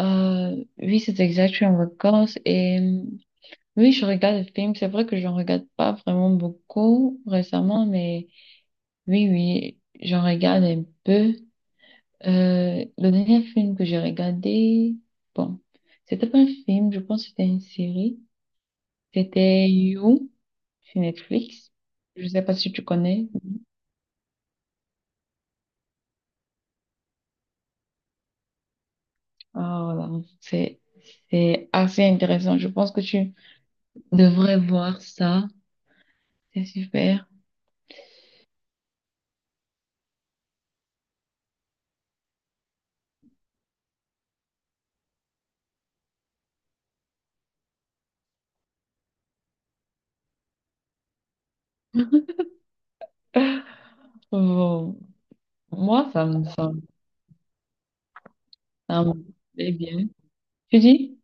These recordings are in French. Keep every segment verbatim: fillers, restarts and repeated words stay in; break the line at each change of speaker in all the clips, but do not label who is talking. Euh, oui, c'est exact, je suis en vacances et euh, oui, je regarde des films. C'est vrai que j'en regarde pas vraiment beaucoup récemment, mais oui, oui, j'en regarde un peu. Euh, le dernier film que j'ai regardé, bon, c'était pas un film, je pense que c'était une série. C'était You sur Netflix. Je sais pas si tu connais. Ah, voilà. C'est, c'est assez intéressant. Je pense que tu devrais voir ça. C'est super. Bon. Moi, ça me, ça, me- Ça me plaît bien. Tu dis,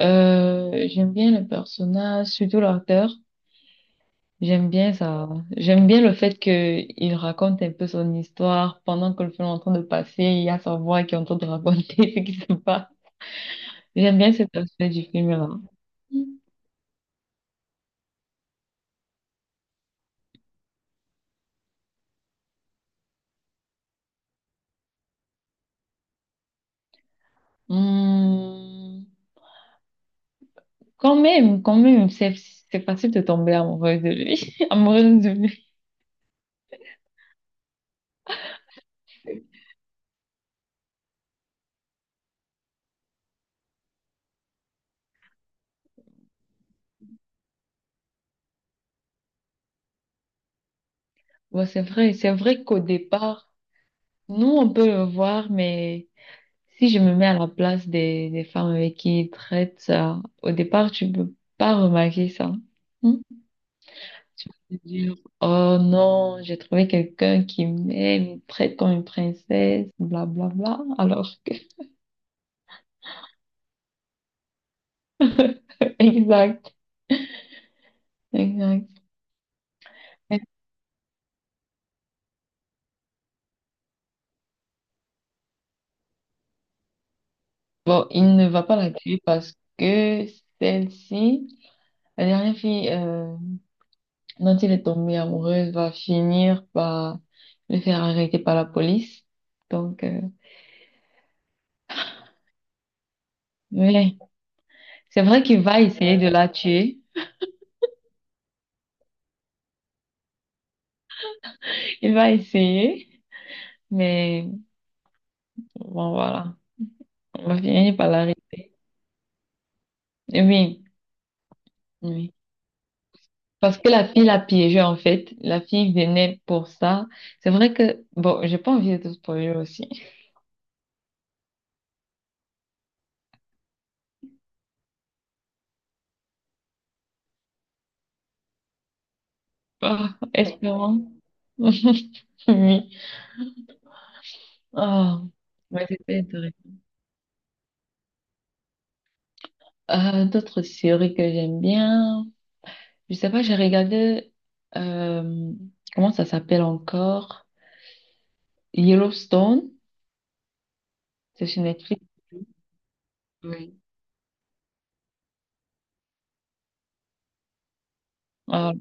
euh, j'aime bien le personnage, surtout l'acteur. J'aime bien ça. J'aime bien le fait qu'il raconte un peu son histoire pendant que le film est en train de passer. Il y a sa voix qui est en train de raconter ce qui se passe. J'aime bien cet aspect du film-là. Hmm. Quand même, quand même, c'est c'est facile de tomber amoureuse de lui, amoureuse de lui. Bon, c'est vrai, c'est vrai qu'au départ, nous on peut le voir, mais si je me mets à la place des, des femmes avec qui ils traitent ça, au départ, tu peux pas remarquer ça. Hmm. Tu peux te dire, oh non, j'ai trouvé quelqu'un qui m'aime, il me traite comme une princesse, blablabla. Alors que, exact, exact. Bon, il ne va pas la tuer parce que celle-ci, la dernière fille euh, dont il est tombé amoureuse, va finir par le faire arrêter par la police. Donc, euh, ouais. C'est vrai qu'il va essayer de la tuer. Il va essayer, mais bon, voilà. On va finir par l'arrêter. Oui, oui. Parce que la fille l'a piégé, en fait. La fille venait pour ça. C'est vrai que, bon, j'ai pas envie de te spoiler aussi. Ah, espérons. Oui. Ah, ouais, c'était intéressant. Euh, d'autres séries que j'aime bien. Je sais pas, j'ai regardé, euh, comment ça s'appelle encore? Yellowstone. C'est sur Netflix. Oui. Ah,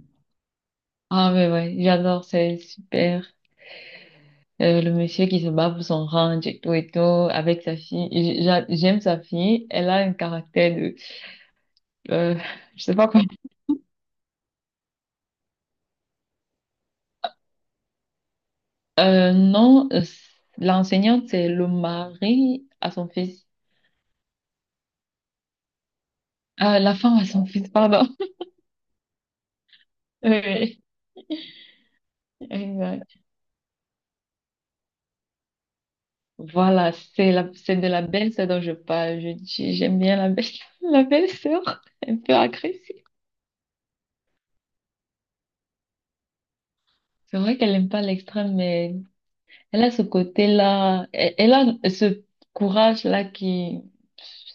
ah ouais, ouais, j'adore, c'est super. Euh, le monsieur qui se bat pour son ranch et tout et tout, avec sa fille. J- j'a- J'aime sa fille, elle a un caractère de... Euh, je sais pas quoi. Euh, non, euh, L'enseignante, c'est le mari à son fils. Ah, la femme à son fils, pardon. Oui, exact. Voilà, c'est la, c'est de la belle-sœur dont je parle. Je- j'ai- j'aime bien la belle, la belle-sœur, un peu agressive. C'est vrai qu'elle n'aime pas l'extrême, mais elle a ce côté-là, elle, elle a ce courage-là qui,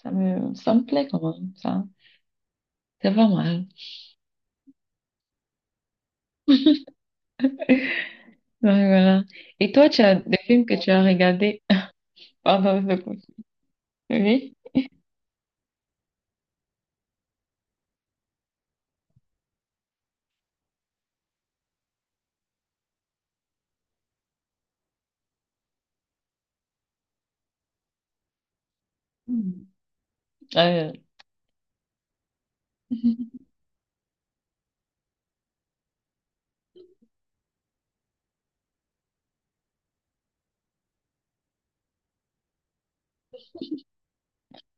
ça me, ça me plaît quand même, ça. C'est pas mal. Ouais, voilà. Et toi, tu as des films que tu as regardés? Pardon, je te coupe. Oui? Mm. Euh,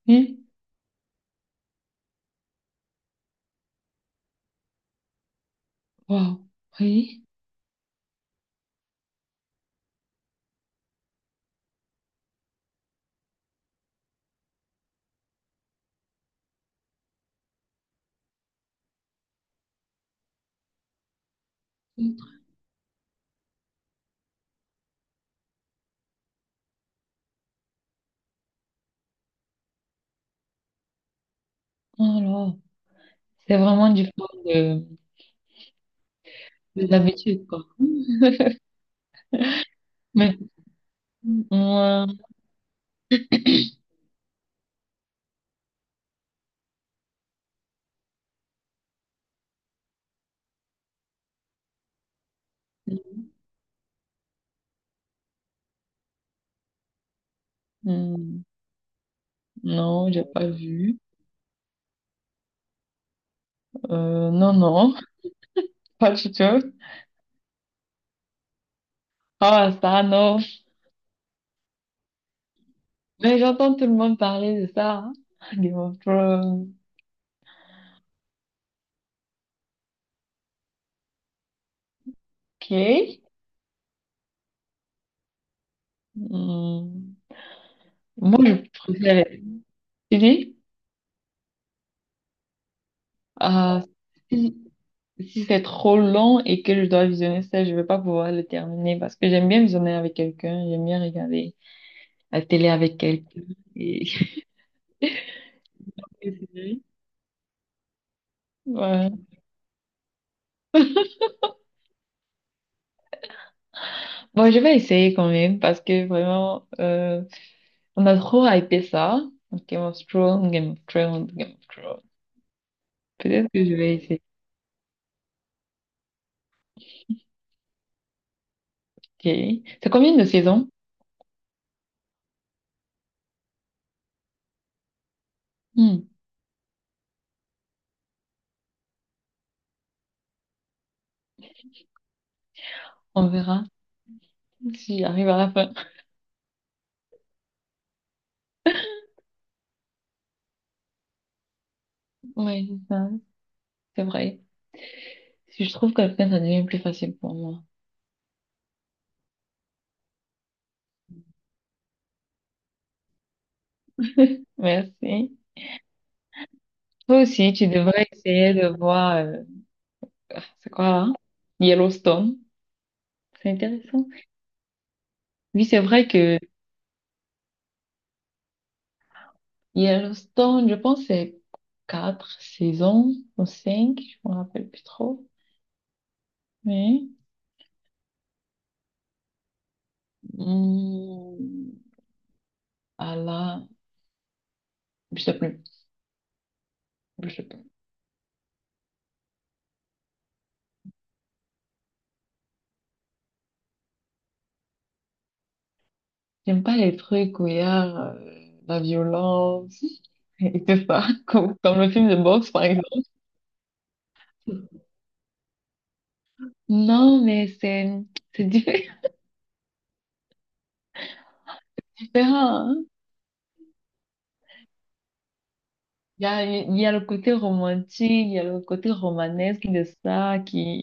oui? Wow. Oui? Alors, c'est vraiment du fond de, de l'habitude, quoi. Mais, moi, hmm, non, j'ai pas vu. Euh, non, non, pas du tout. Ah, ça, non. Mais j'entends tout le monde parler de ça, hein. Game of Thrones. Ok. Hmm. Moi, je préfère tu dis, euh, si, si c'est trop long et que je dois visionner ça, je vais pas pouvoir le terminer parce que j'aime bien visionner avec quelqu'un, j'aime bien regarder la télé avec quelqu'un. Et... et c'est vrai. Ouais. Bon, je vais essayer quand même parce que vraiment, euh, on a trop hypé ça. Game of Thrones, Game of Thrones, Game of Thrones. Peut-être que je vais essayer. Ok. C'est combien de saisons? Hmm, on verra si j'arrive à la fin. Oui, c'est ça, c'est vrai. Si je trouve quelqu'un, ça devient plus facile pour moi. Merci. Toi aussi, tu devrais essayer de voir, euh, ah, c'est quoi là? Yellowstone. C'est intéressant. Oui, c'est vrai que Yellowstone, je pense, que c'est quatre saisons ou cinq, je me rappelle plus trop. Mais, hmm, ah là, je sais plus. Je sais plus. J'aime pas les trucs où il y a euh, la violence et tout ça, comme, comme le film de boxe, par exemple. Non, mais c'est c'est diffé- différent, hein. Il y a, il y a le côté romantique, il y a le côté romanesque de ça qui,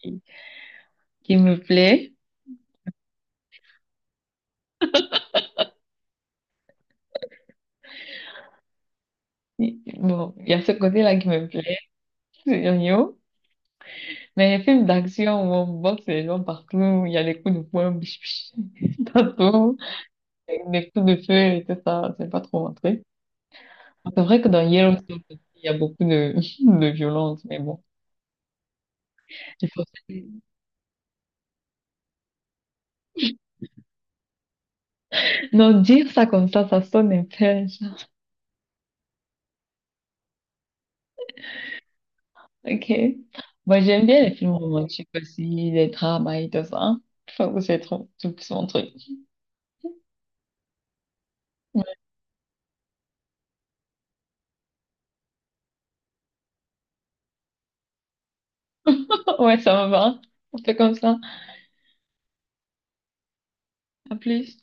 qui me plaît. Bon, il y a ce côté-là qui me plaît, c'est igno. Mais les films d'action où on boxe les gens partout, il y a les coups de poing, biche, biche, partout, les coups de feu et tout ça, c'est pas trop mon... C'est vrai que dans Yellow Stone aussi, il y a beaucoup de, de violence, mais bon. Il faut... Non, dire ça comme ça, ça sonne un peu genre, ok. Moi, j'aime bien les films romantiques aussi, les drames et tout ça. Je trouve que c'est trop, tout son truc. Ouais, ça me va. On fait comme ça. À plus.